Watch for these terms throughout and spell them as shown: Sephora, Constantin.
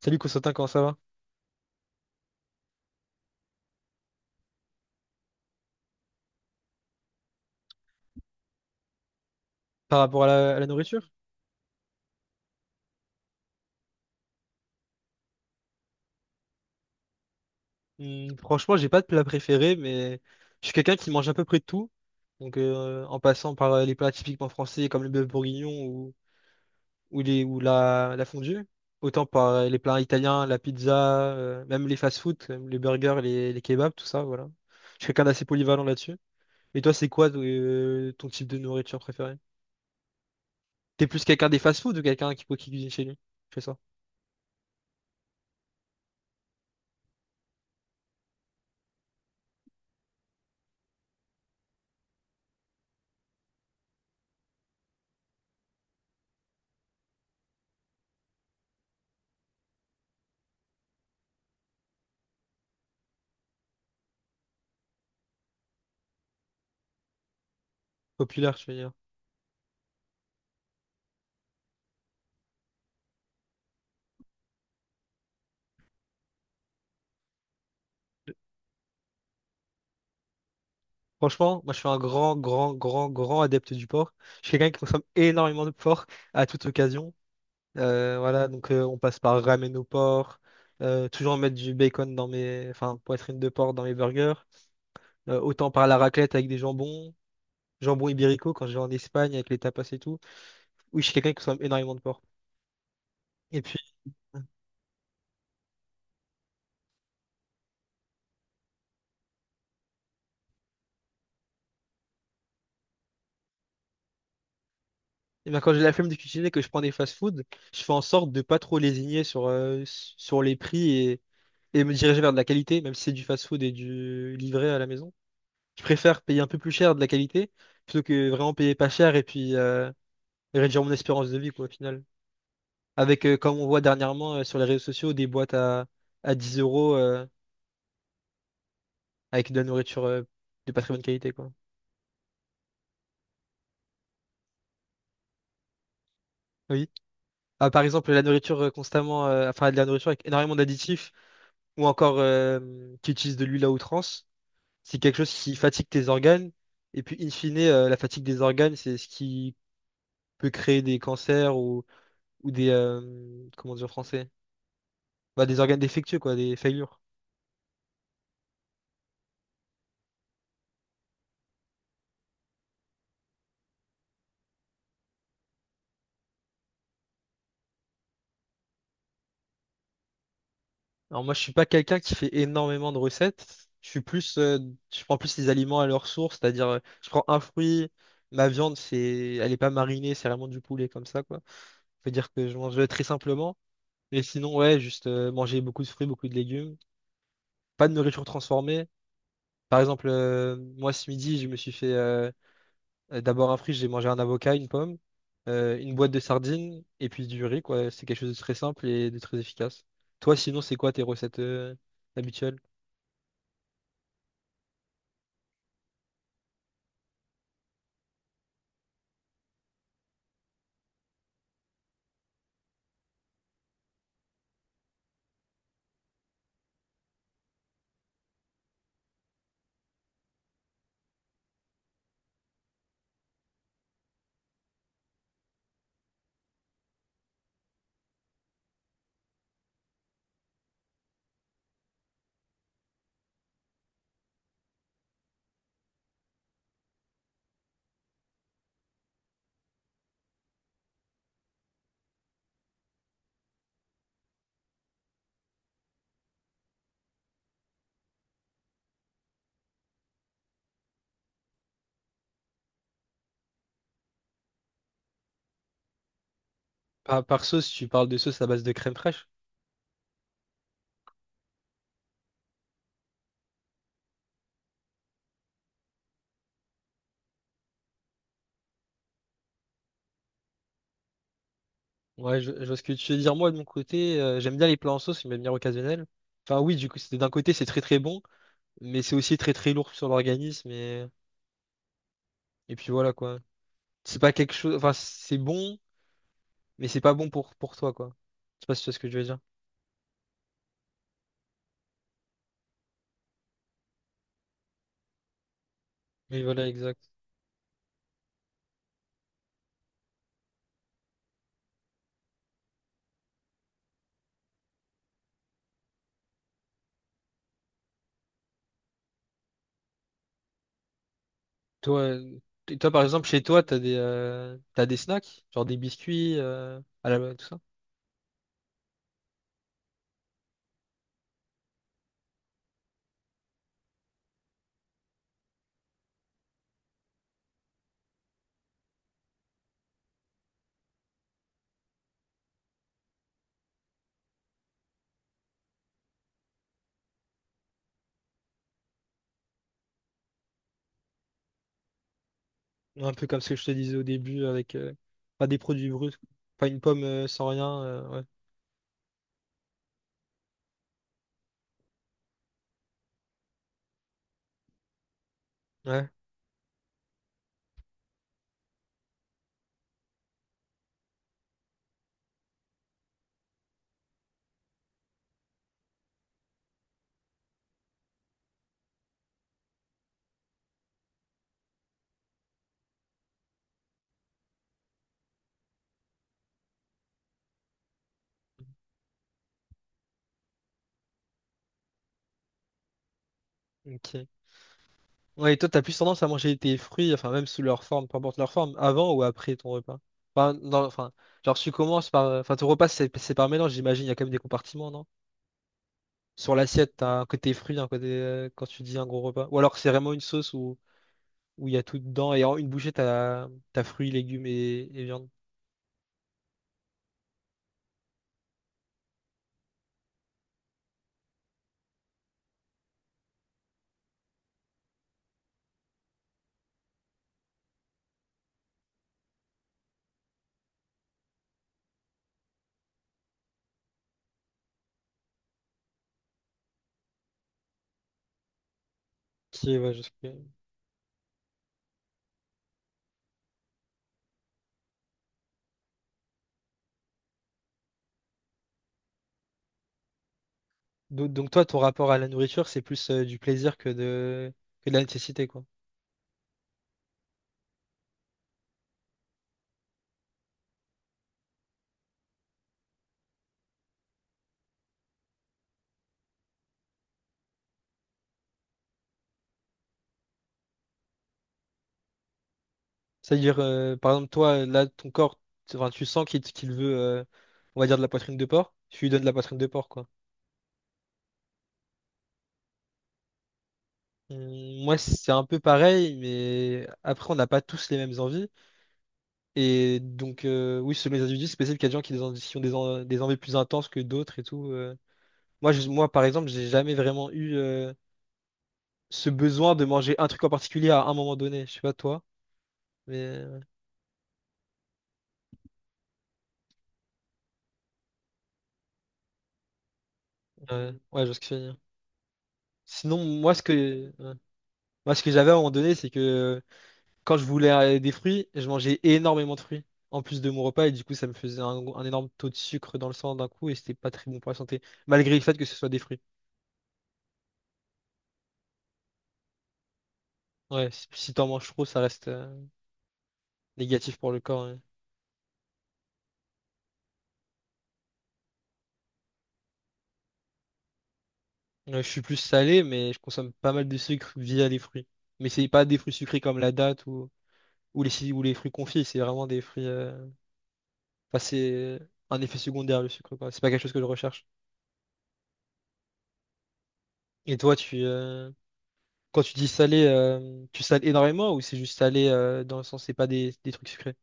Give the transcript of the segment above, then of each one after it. Salut Constantin, comment ça va? Par rapport à la nourriture? Franchement, j'ai pas de plat préféré, mais je suis quelqu'un qui mange à peu près de tout. Donc, en passant par les plats typiquement français comme le bœuf bourguignon ou la fondue, autant par les plats italiens, la pizza, même les fast-food, comme les burgers, les kebabs, tout ça, voilà. Je suis quelqu'un d'assez polyvalent là-dessus. Et toi, c'est quoi ton type de nourriture préférée? T'es plus quelqu'un des fast-food ou quelqu'un qui cuisine chez lui? Je fais ça. Populaire, je veux dire. Franchement, moi je suis un grand, grand, grand, grand adepte du porc. Je suis quelqu'un qui consomme énormément de porc à toute occasion. Voilà, donc on passe par ramen au porc, toujours mettre du bacon dans mes, enfin, poitrine de porc dans mes burgers. Autant par la raclette avec des jambons, jambon ibérico quand je vais en Espagne avec les tapas et tout. Oui, je suis quelqu'un qui consomme énormément de porc. Et puis, eh ben, quand j'ai la flemme de cuisiner, que je prends des fast-food, je fais en sorte de pas trop lésigner sur les prix et me diriger vers de la qualité, même si c'est du fast-food et du livré à la maison. Je préfère payer un peu plus cher de la qualité plutôt que vraiment payer pas cher et puis réduire mon espérance de vie, quoi, au final. Avec, comme on voit dernièrement sur les réseaux sociaux, des boîtes à 10 euros avec de la nourriture de pas très bonne qualité, quoi. Oui. Ah, par exemple, la nourriture enfin, de la nourriture avec énormément d'additifs ou encore qui utilise de l'huile à outrance, c'est quelque chose qui fatigue tes organes. Et puis, in fine, la fatigue des organes, c'est ce qui peut créer des cancers ou comment dire en français? Bah, des organes défectueux, quoi, des faillures. Alors moi, je suis pas quelqu'un qui fait énormément de recettes. Je suis plus, je prends plus les aliments à leur source, c'est-à-dire, je prends un fruit, ma viande, c'est, elle est pas marinée, c'est vraiment du poulet comme ça, quoi. Faut dire que je mange très simplement. Et sinon, ouais, juste manger beaucoup de fruits, beaucoup de légumes, pas de nourriture transformée. Par exemple, moi ce midi, je me suis fait d'abord un fruit, j'ai mangé un avocat, une pomme, une boîte de sardines et puis du riz, quoi. C'est quelque chose de très simple et de très efficace. Toi, sinon, c'est quoi tes recettes habituelles? Par, par sauce, tu parles de sauce à base de crème fraîche? Ouais, je vois ce que tu veux dire. Moi, de mon côté, j'aime bien les plats en sauce, de manière occasionnelle. Enfin, oui, du coup, c'est- d'un côté, c'est très très bon, mais c'est aussi très très lourd sur l'organisme. Et puis voilà, quoi. C'est pas quelque chose. Enfin, c'est bon, mais c'est pas bon pour toi, quoi. Je sais pas si tu vois ce que je veux dire. Oui, voilà, exact. Toi, euh, et toi, par exemple, chez toi, t'as des snacks, genre des biscuits, à la, tout ça. Un peu comme ce que je te disais au début avec pas des produits bruts, quoi. Pas une pomme sans rien. Ouais. Ouais. Ok. Ouais, et toi, t'as plus tendance à manger tes fruits, enfin même sous leur forme, peu importe leur forme, avant ou après ton repas. Enfin, dans- enfin, genre tu commences par, enfin ton repas c'est par mélange, j'imagine. Il y a quand même des compartiments, sur l'assiette, t'as un côté fruit, un côté quand tu dis un gros repas. Ou alors c'est vraiment une sauce où il y a tout dedans et en une bouchée t'as t'as fruits, légumes et viande. Qui est- ouais, je sais plus. Donc toi, ton rapport à la nourriture, c'est plus du plaisir que de la nécessité, quoi. C'est-à-dire, par exemple, toi, là, ton corps, tu enfin, tu sens qu'il veut, on va dire, de la poitrine de porc. Tu lui donnes de la poitrine de porc, quoi. Moi, c'est un peu pareil, mais après, on n'a pas tous les mêmes envies. Et donc, oui, selon les individus, c'est possible qu'il y a des gens qui ont des en- des envies plus intenses que d'autres et tout. Moi, par exemple, j'ai jamais vraiment eu ce besoin de manger un truc en particulier à un moment donné. Je sais pas toi, mais ouais, ouais, je vois ce que tu veux dire. Sinon, moi, ce que, ouais. Moi, ce que j'avais à un moment donné, c'est que quand je voulais des fruits, je mangeais énormément de fruits en plus de mon repas et du coup, ça me faisait un énorme taux de sucre dans le sang d'un coup et c'était pas très bon pour la santé, malgré le fait que ce soit des fruits. Ouais, si si t'en manges trop, ça reste négatif pour le corps, hein. Ouais, je suis plus salé, mais je consomme pas mal de sucre via les fruits. Mais c'est pas des fruits sucrés comme la date ou les fruits confits, c'est vraiment des fruits. Enfin, c'est un effet secondaire le sucre, quoi. C'est pas quelque chose que je recherche. Et toi, tu quand tu dis salé, tu sales énormément ou c'est juste salé dans le sens c'est pas des, des trucs sucrés?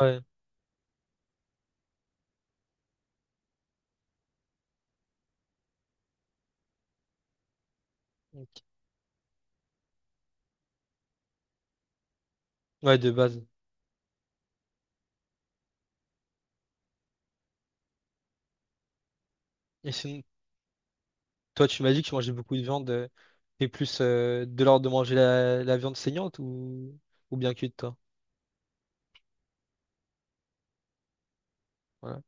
Ouais. Ok. Ouais, de base. Et sinon, toi, tu m'as dit que tu mangeais beaucoup de viande. T'es plus de l'ordre de manger la viande saignante ou bien cuite, toi? Ouais.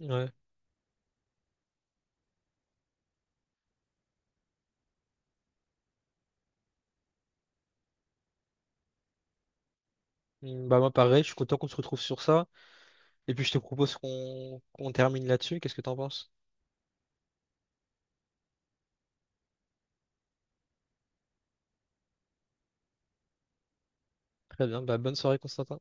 Ouais. Bah moi pareil, je suis content qu'on se retrouve sur ça. Et puis je te propose qu'on termine là-dessus. Qu'est-ce que t'en penses? Très bien, bah bonne soirée Constantin.